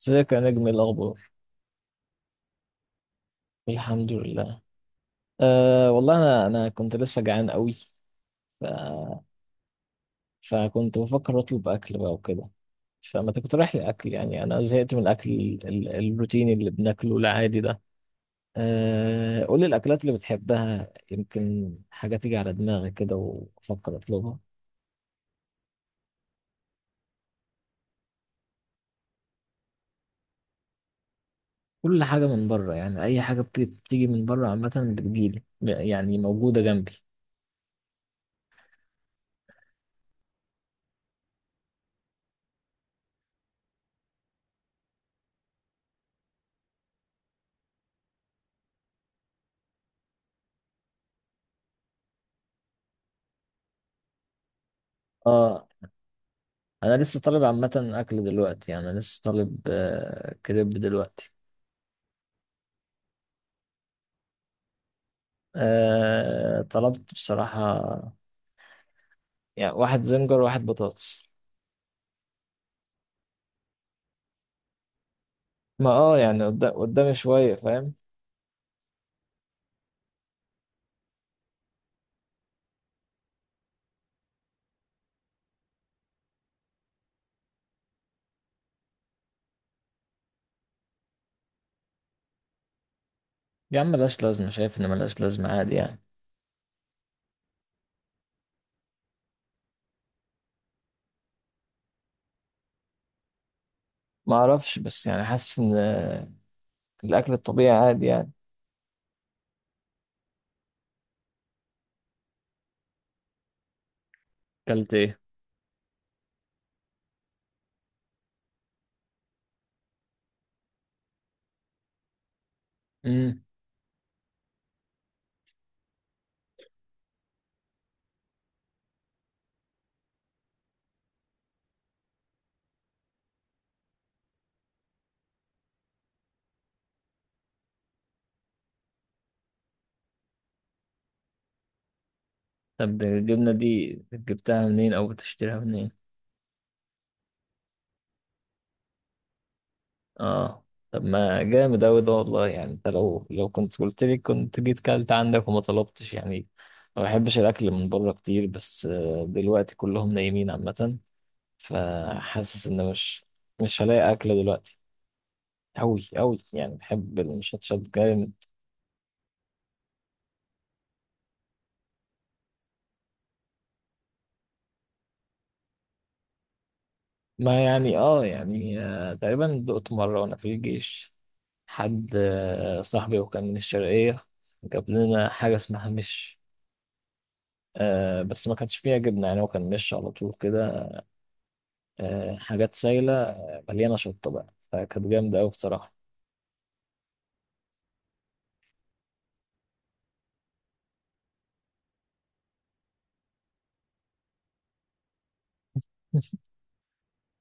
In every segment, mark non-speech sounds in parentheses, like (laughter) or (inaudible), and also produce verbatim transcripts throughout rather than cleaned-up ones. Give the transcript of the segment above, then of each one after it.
ازيك يا نجم؟ إيه الاخبار؟ الحمد لله. أه والله انا انا كنت لسه جعان قوي. ف... فكنت بفكر اطلب اكل بقى وكده. فما تقترح لي اكل؟ يعني انا زهقت من الاكل، ال... الروتيني اللي بناكله العادي ده. أه قول لي الاكلات اللي بتحبها، يمكن حاجه تيجي على دماغي كده وافكر اطلبها. كل حاجه من بره، يعني اي حاجه بتيجي، بتيجي من بره عامه. بتجيلي، يعني موجوده جنبي. اه، انا لسه طالب عامه اكل دلوقتي، يعني انا لسه طالب آه، كريب دلوقتي. آه، طلبت بصراحه يعني واحد زنجر وواحد بطاطس. ما اه يعني قدام قدامي شويه، فاهم؟ يا عم ملهاش لازمه، شايف ان ملهاش لازمه، عادي يعني. ما اعرفش، بس يعني حاسس ان آه، الاكل الطبيعي عادي يعني. اكلت ايه؟ امم. طب الجبنه دي جبتها منين، او بتشتريها منين؟ اه، طب ما جامد أوي ده والله. يعني انت لو لو كنت قلت لي كنت جيت كلت عندك وما طلبتش يعني. ما بحبش الأكل من بره كتير، بس آه، دلوقتي كلهم نايمين عامة. فحاسس إن مش مش هلاقي أكل دلوقتي. أوي أوي، يعني بحب المشطشط جامد. ما يعني اه يعني آه، تقريبا دقت مرة وأنا في الجيش. حد آه، صاحبي وكان من الشرقية جاب لنا حاجة اسمها مش. آه، بس ما كانش فيها جبنة، يعني هو كان مش على طول كده. آه، حاجات سايلة آه، مليانة شطة بقى، فكانت جامدة أوي بصراحة. (laughs)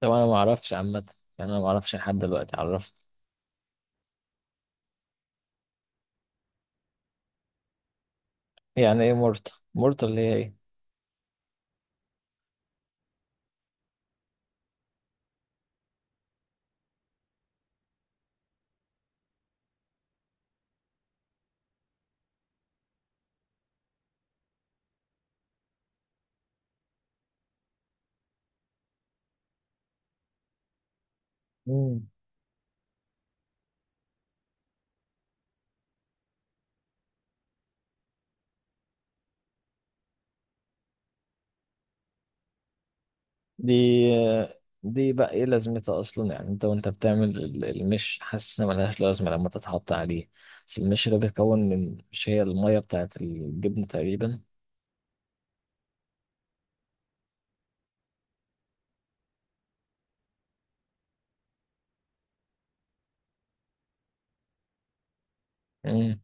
طب أنا معرفش عامة، يعني أنا معرفش لحد دلوقتي عرفت. يعني إيه مورتا؟ مورتا اللي هي إيه؟ مم. دي آه، دي بقى إيه لازمتها أصلا؟ يعني أنت وأنت بتعمل ال- المش، حاسس إن ملهاش لازمة لما تتحط عليه. بس المش ده بيتكون من، مش هي المية بتاعت الجبن تقريبا؟ مم.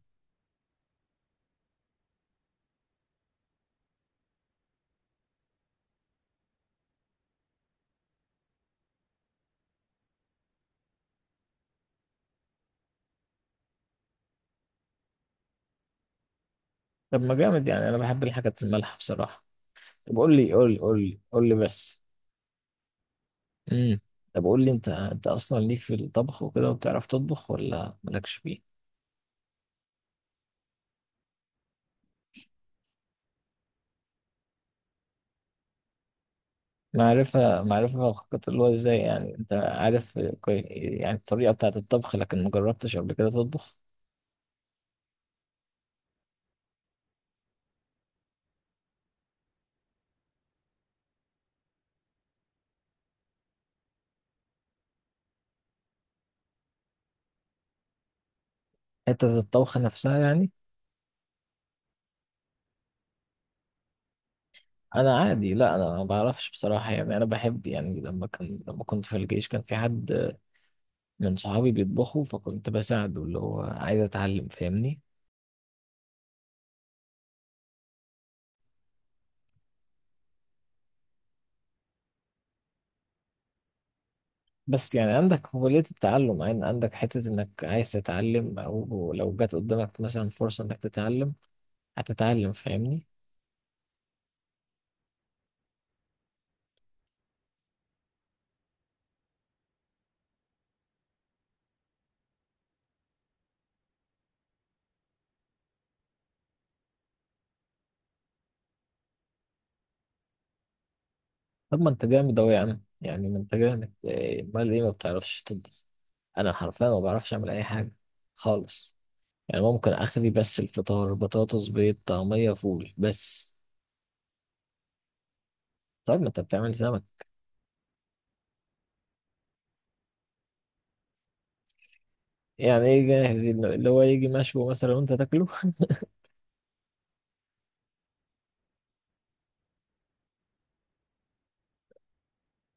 طب ما جامد، يعني أنا بحب الحاجات المالحة بصراحة. طب قول لي، قول لي قول لي قول لي بس. امم. طب قول لي، انت انت اصلا ليك في الطبخ وكده وبتعرف تطبخ، ولا مالكش فيه؟ معرفة، معرفة فقط. اللي هو ازاي يعني انت عارف كوي- يعني الطريقة بتاعة الطبخ، لكن ما جربتش قبل كده تطبخ. حتة الطبخ نفسها يعني. انا عادي، لا انا ما بعرفش بصراحة. يعني انا بحب، يعني لما كان، لما كنت في الجيش كان في حد من صحابي بيطبخوا، فكنت بساعده، اللي هو عايز اتعلم، فاهمني؟ بس يعني عندك قابلية التعلم، عن- عندك حتة انك عايز تتعلم، او لو جات قدامك مثلا فرصة انك تتعلم هتتعلم، فاهمني؟ طب ما انت جامد اوي يا عم، يعني ما انت جامد إيه، امال ايه ما بتعرفش تطبخ؟ انا حرفيا ما بعرفش اعمل اي حاجة خالص. يعني ممكن اخلي بس الفطار بطاطس بيض طعمية فول بس. طب ما انت بتعمل سمك. يعني ايه جاهز؟ اللي هو يجي مشوي مثلا وانت تاكله؟ (laughs)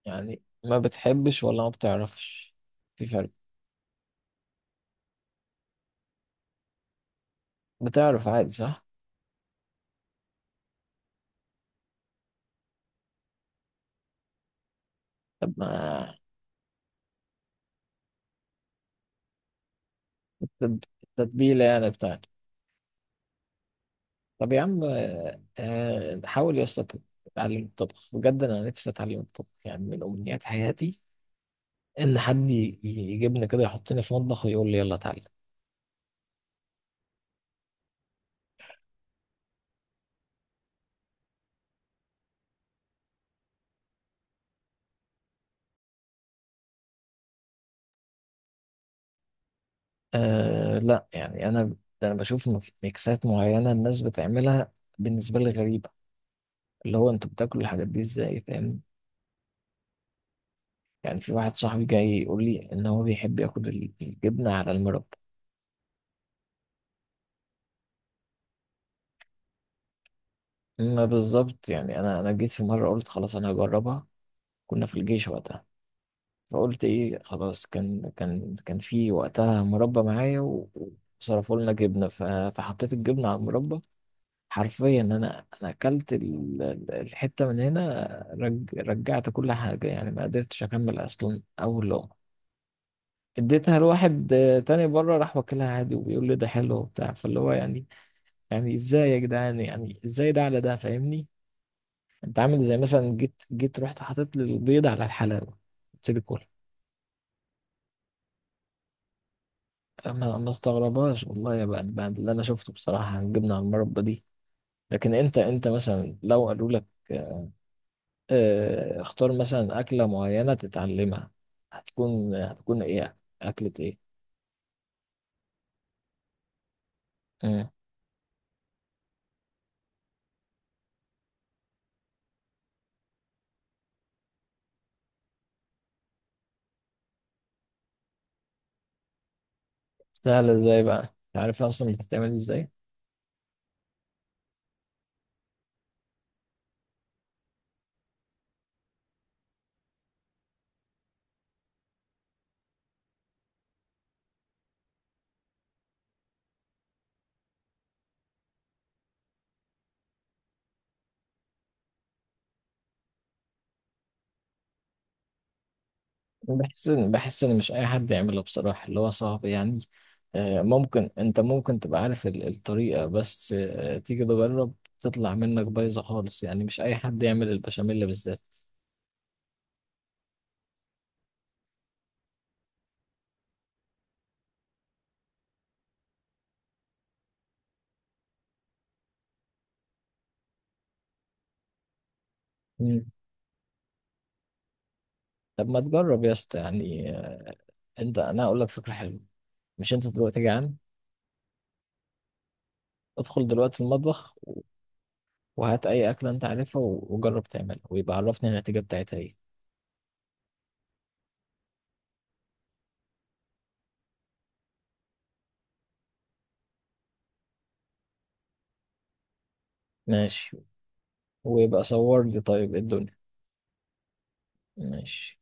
يعني ما بتحبش ولا ما بتعرفش؟ في فرق. بتعرف عادي صح؟ طب ما تت- تتبيلة يعني بتاعته. طب يا عم، آه، آه، حاول يا اسطى تتعلم الطبخ بجد. أنا نفسي أتعلم الطبخ، يعني من أمنيات حياتي إن حد ي- يجيبني كده يحطني في مطبخ ويقول لي يلا اتعلم. أه لا، يعني أنا، ده أنا بشوف مك- ميكسات معينة الناس بتعملها بالنسبة لي غريبة، اللي هو أنتوا بتاكلوا الحاجات دي إزاي، فاهمني؟ يعني في واحد صاحبي جاي يقول لي إن هو بيحب ياكل ال- الجبنة على المربى. ما بالظبط، يعني أنا، أنا جيت في مرة قلت خلاص أنا هجربها. كنا في الجيش وقتها. فقلت ايه خلاص، كان، كان كان في وقتها مربى معايا، و- وصرفوا لنا جبنه، ف- فحطيت الجبنه على المربى. حرفيا انا، انا اكلت ال- ال- الحته من هنا، رج رجعت كل حاجه، يعني ما قدرتش اكمل اصلا اول لقمه. اديتها لواحد آه، تاني بره، راح واكلها عادي وبيقول لي ده حلو وبتاع، فاللي هو يعني. يعني ازاي يا جدعان؟ يعني ازاي ده على ده، فاهمني؟ انت عامل زي مثلا جيت، جيت رحت حاطط لي البيض على الحلاوه، قلت لي كل. ما ما استغربهاش والله يا بقى بعد اللي انا شفته بصراحه، الجبنه على المربى دي. لكن انت، انت مثلا لو قالوا لك آه، اختار مثلا اكله معينه تتعلمها، هتكون، هتكون ايه اكله ايه؟ مم. سهله ازاي بقى؟ انت عارف اصلا بتتعمل ازاي؟ بحس ان، بحس ان مش اي حد يعملها بصراحه. اللي هو صعب يعني. آه، ممكن انت، ممكن تبقى عارف ال- الطريقه، بس آه، تيجي تجرب تطلع منك بايظه خالص. يعني مش اي حد يعمل البشاميل بالذات. طب ما تجرب يا اسطى يعني. انت، انا اقول لك فكره حلوه. مش انت دلوقتي جعان؟ ادخل دلوقتي المطبخ وهات اي اكله انت عارفها، و- وجرب تعملها، ويبقى عرفني النتيجه بتاعتها ايه. ماشي، ويبقى صور لي. طيب إيه الدنيا؟ ماشي.